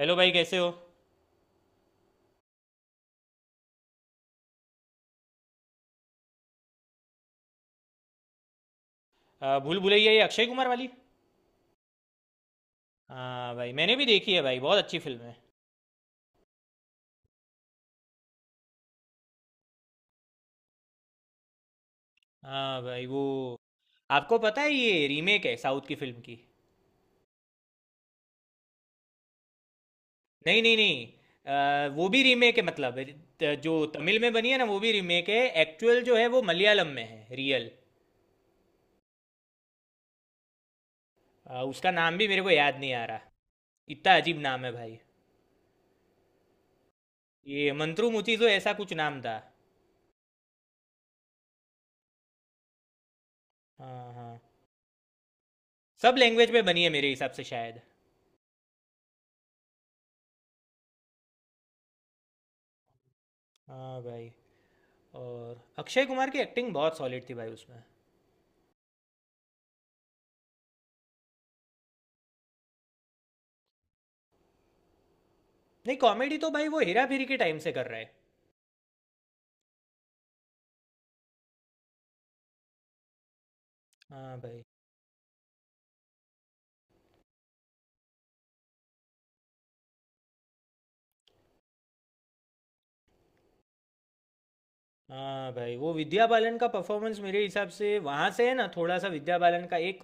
Hello भाई, कैसे हो? भूल भुलैया, ये अक्षय कुमार वाली? हाँ भाई, मैंने भी देखी है भाई। बहुत अच्छी फिल्म है। हाँ भाई, वो। आपको पता है ये रीमेक है साउथ की फिल्म की? नहीं नहीं नहीं। वो भी रीमेक है मतलब। जो तमिल में बनी है ना, वो भी रीमेक है। एक्चुअल जो है वो मलयालम में है, रियल। उसका नाम भी मेरे को याद नहीं आ रहा। इतना अजीब नाम है भाई। ये मंत्रू मुचिजो, ऐसा कुछ नाम था। हाँ हाँ। सब लैंग्वेज में बनी है मेरे हिसाब से, शायद। हाँ भाई। और अक्षय कुमार की एक्टिंग बहुत सॉलिड थी भाई उसमें। नहीं, कॉमेडी तो भाई वो हेरा फेरी के टाइम से कर रहा है। हाँ भाई। हाँ भाई, वो विद्या बालन का परफॉर्मेंस मेरे हिसाब से वहाँ से है ना, थोड़ा सा विद्या बालन का एक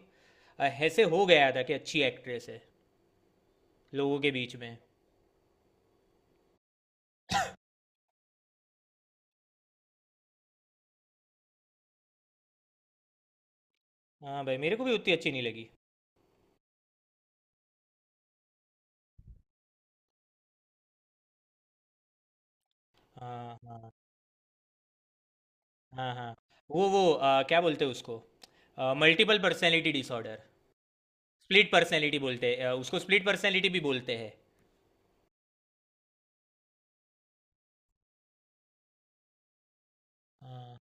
ऐसे हो गया था कि अच्छी एक्ट्रेस है लोगों के बीच में। हाँ भाई, मेरे को भी उतनी अच्छी नहीं लगी। हाँ हाँ हाँ हाँ। वो क्या बोलते हैं उसको? Multiple personality disorder. Split personality बोलते हैं, उसको स्प्लिट पर्सनैलिटी भी बोलते हैं। हाँ।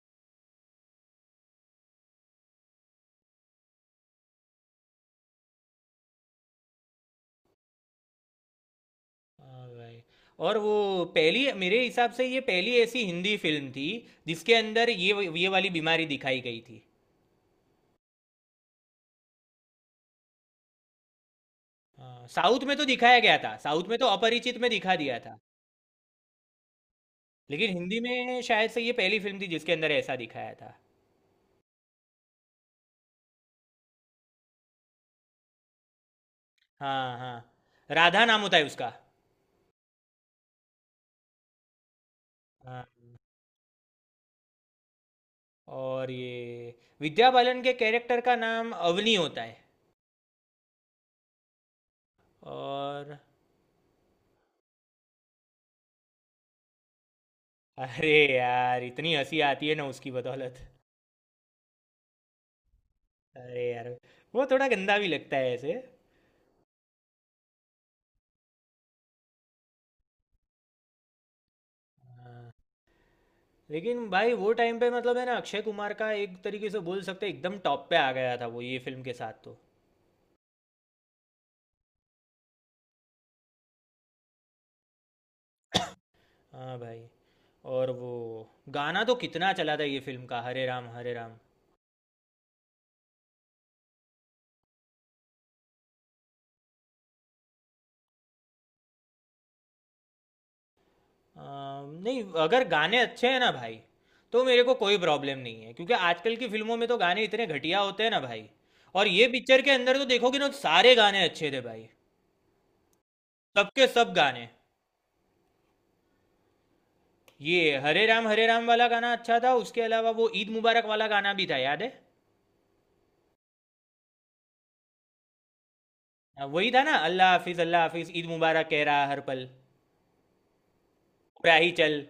हाँ भाई। और वो पहली, मेरे हिसाब से ये पहली ऐसी हिंदी फिल्म थी जिसके अंदर ये वाली बीमारी दिखाई गई थी। हाँ, साउथ में तो दिखाया गया था, साउथ में तो अपरिचित में दिखा दिया था। लेकिन हिंदी में शायद से ये पहली फिल्म थी जिसके अंदर ऐसा दिखाया था। हाँ हाँ। राधा नाम होता है उसका। हाँ। और ये विद्या बालन के कैरेक्टर का नाम अवनी होता है। और अरे यार, इतनी हंसी आती है ना उसकी बदौलत। अरे यार, वो थोड़ा गंदा भी लगता है ऐसे। लेकिन भाई वो टाइम पे मतलब है ना, अक्षय कुमार का एक तरीके से बोल सकते हैं एकदम टॉप पे आ गया था वो, ये फिल्म के साथ तो। हाँ भाई। और वो गाना तो कितना चला था ये फिल्म का, हरे राम हरे राम। नहीं, अगर गाने अच्छे हैं ना भाई, तो मेरे को कोई प्रॉब्लम नहीं है, क्योंकि आजकल की फिल्मों में तो गाने इतने घटिया होते हैं ना भाई। और ये पिक्चर के अंदर तो देखोगे ना, तो सारे गाने अच्छे थे भाई, सबके सब गाने। ये हरे राम वाला गाना अच्छा था, उसके अलावा वो ईद मुबारक वाला गाना भी था, याद है? हाँ, वही था ना, अल्लाह हाफिज ईद मुबारक कह रहा हर पल, राही चल।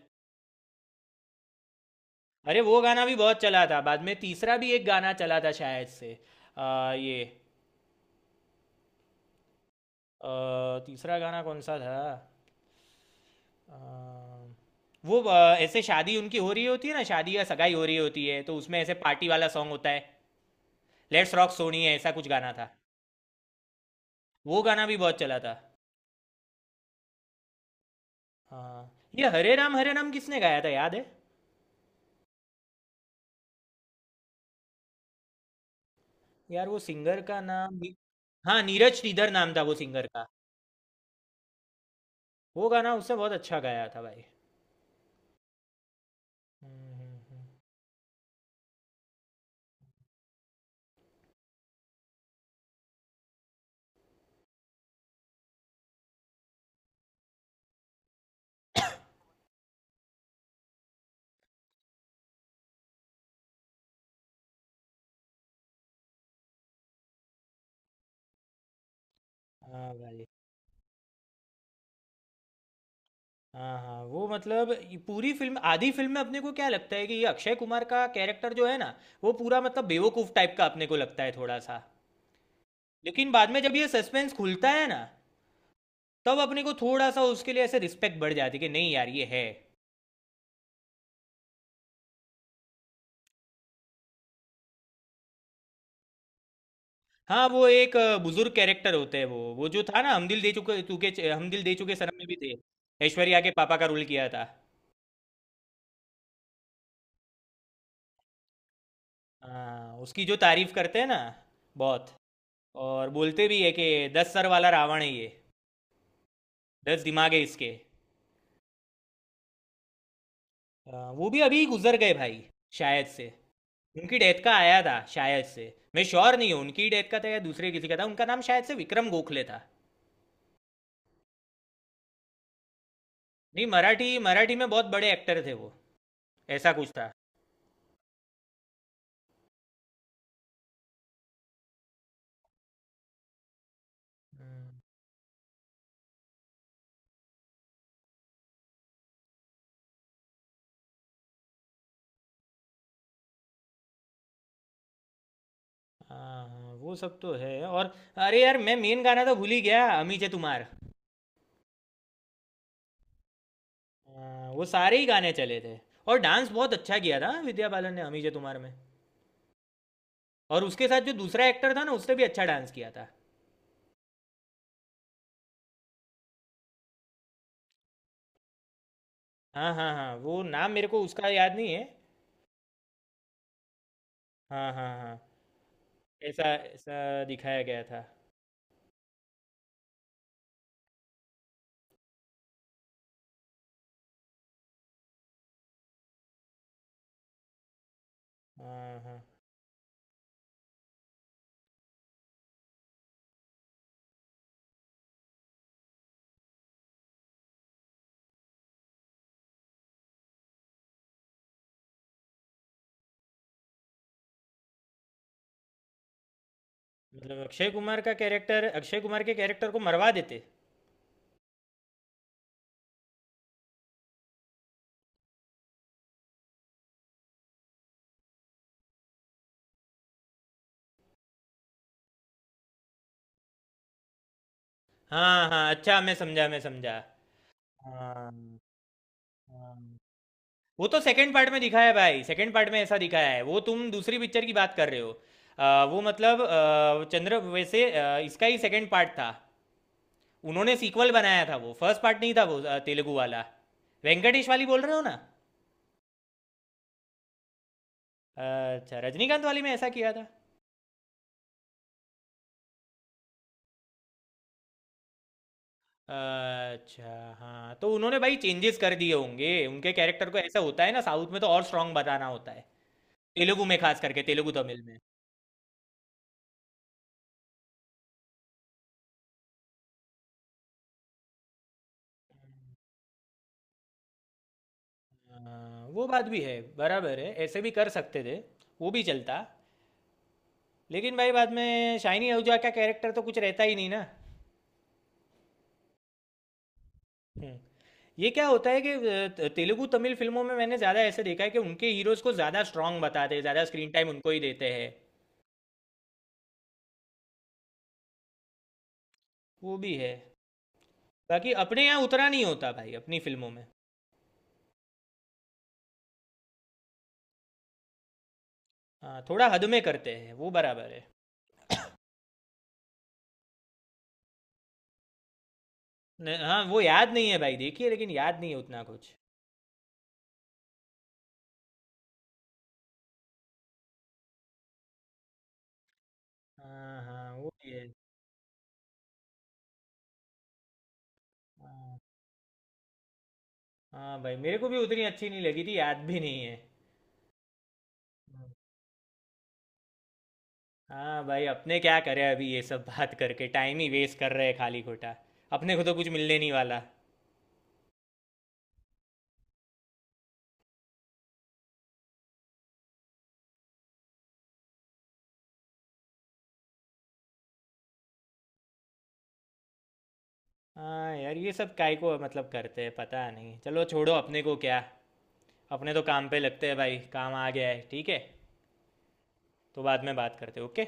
अरे, वो गाना भी बहुत चला था। बाद में तीसरा भी एक गाना चला था शायद से। ये। तीसरा गाना कौन सा था? आ, वो ऐसे शादी उनकी हो रही होती है ना, शादी या सगाई हो रही होती है, तो उसमें ऐसे पार्टी वाला सॉन्ग होता है। लेट्स रॉक सोनी है, ऐसा कुछ गाना था। वो गाना भी बहुत चला था। हाँ। ये हरे राम किसने गाया था, याद है? यार, वो सिंगर का नाम। हाँ, नीरज श्रीधर नाम था वो सिंगर का। वो गाना उसने बहुत अच्छा गाया था भाई। हम्म, हम्म, हम्म। हाँ भाई। हाँ हाँ, वो मतलब ये पूरी फिल्म, आधी फिल्म में अपने को क्या लगता है कि ये अक्षय कुमार का कैरेक्टर जो है ना, वो पूरा मतलब बेवकूफ टाइप का अपने को लगता है थोड़ा सा। लेकिन बाद में जब ये सस्पेंस खुलता है ना, तब अपने को थोड़ा सा उसके लिए ऐसे रिस्पेक्ट बढ़ जाती है कि नहीं यार, ये है। हाँ, वो एक बुजुर्ग कैरेक्टर होते हैं, वो जो था ना, हम दिल दे चुके सनम में भी थे। ऐश्वर्या के पापा का रोल किया था। हाँ, उसकी जो तारीफ करते हैं ना, बहुत। और बोलते भी है कि 10 सर वाला रावण है ये। 10 दिमाग है इसके। वो भी अभी गुजर गए भाई, शायद से। उनकी डेथ का आया था शायद से, मैं श्योर नहीं हूँ। उनकी डेथ का था या दूसरे किसी का था। उनका नाम शायद से विक्रम गोखले था। नहीं, मराठी मराठी में बहुत बड़े एक्टर थे वो। ऐसा कुछ था। हाँ हाँ, वो सब तो है। और अरे यार, मैं मेन गाना तो भूल ही गया, अमीजे तुम्हार। हाँ, वो सारे ही गाने चले थे। और डांस बहुत अच्छा किया था विद्या बालन ने अमीजे तुम्हार में। और उसके साथ जो दूसरा एक्टर था ना, उसने भी अच्छा डांस किया था। हाँ हाँ हाँ, वो नाम मेरे को उसका याद नहीं है। हाँ हाँ हाँ। ऐसा ऐसा दिखाया गया था। हाँ हाँ। मतलब अक्षय कुमार के कैरेक्टर को मरवा देते। हाँ हाँ, अच्छा, मैं समझा मैं समझा। हाँ। हाँ। वो तो सेकंड पार्ट में दिखाया है भाई, सेकंड पार्ट में ऐसा दिखाया है। वो तुम दूसरी पिक्चर की बात कर रहे हो। वो मतलब चंद्र वैसे इसका ही सेकंड पार्ट था। उन्होंने सीक्वल बनाया था, वो फर्स्ट पार्ट नहीं था वो, तेलुगु वाला। वेंकटेश वाली बोल रहे हो ना? अच्छा, रजनीकांत वाली में ऐसा किया था। अच्छा। हाँ, तो उन्होंने भाई चेंजेस कर दिए होंगे उनके कैरेक्टर को। ऐसा होता है ना साउथ में तो, और स्ट्रांग बताना होता है। तेलुगु में खास करके, तेलुगु तमिल में। हाँ, वो बात भी है, बराबर है, ऐसे भी कर सकते थे। वो भी चलता। लेकिन भाई बाद में शाइनी आहूजा का कैरेक्टर तो कुछ रहता ही नहीं ना। हम्म। ये क्या होता है कि तेलुगु तमिल फिल्मों में मैंने ज़्यादा ऐसे देखा है कि उनके हीरोज को ज़्यादा स्ट्रांग बताते हैं, ज़्यादा स्क्रीन टाइम उनको ही देते हैं। वो भी है। बाकी अपने यहाँ उतना नहीं होता भाई, अपनी फिल्मों में। हाँ, थोड़ा हद में करते हैं, वो बराबर है। हाँ, वो याद नहीं है भाई, देखिए, लेकिन याद नहीं है उतना कुछ। हाँ हाँ, वो भी है। हाँ, हाँ भाई, मेरे को भी उतनी अच्छी नहीं लगी थी, याद भी नहीं है। हम्म। हाँ भाई, अपने क्या करें, अभी ये सब बात करके टाइम ही वेस्ट कर रहे हैं खाली खोटा। अपने को तो कुछ मिलने नहीं वाला। हाँ यार, ये सब काय को मतलब करते हैं, पता नहीं। चलो छोड़ो, अपने को क्या। अपने तो काम पे लगते हैं भाई, काम आ गया है, ठीक है। तो बाद में बात करते हैं, ओके।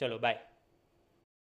चलो, बाय।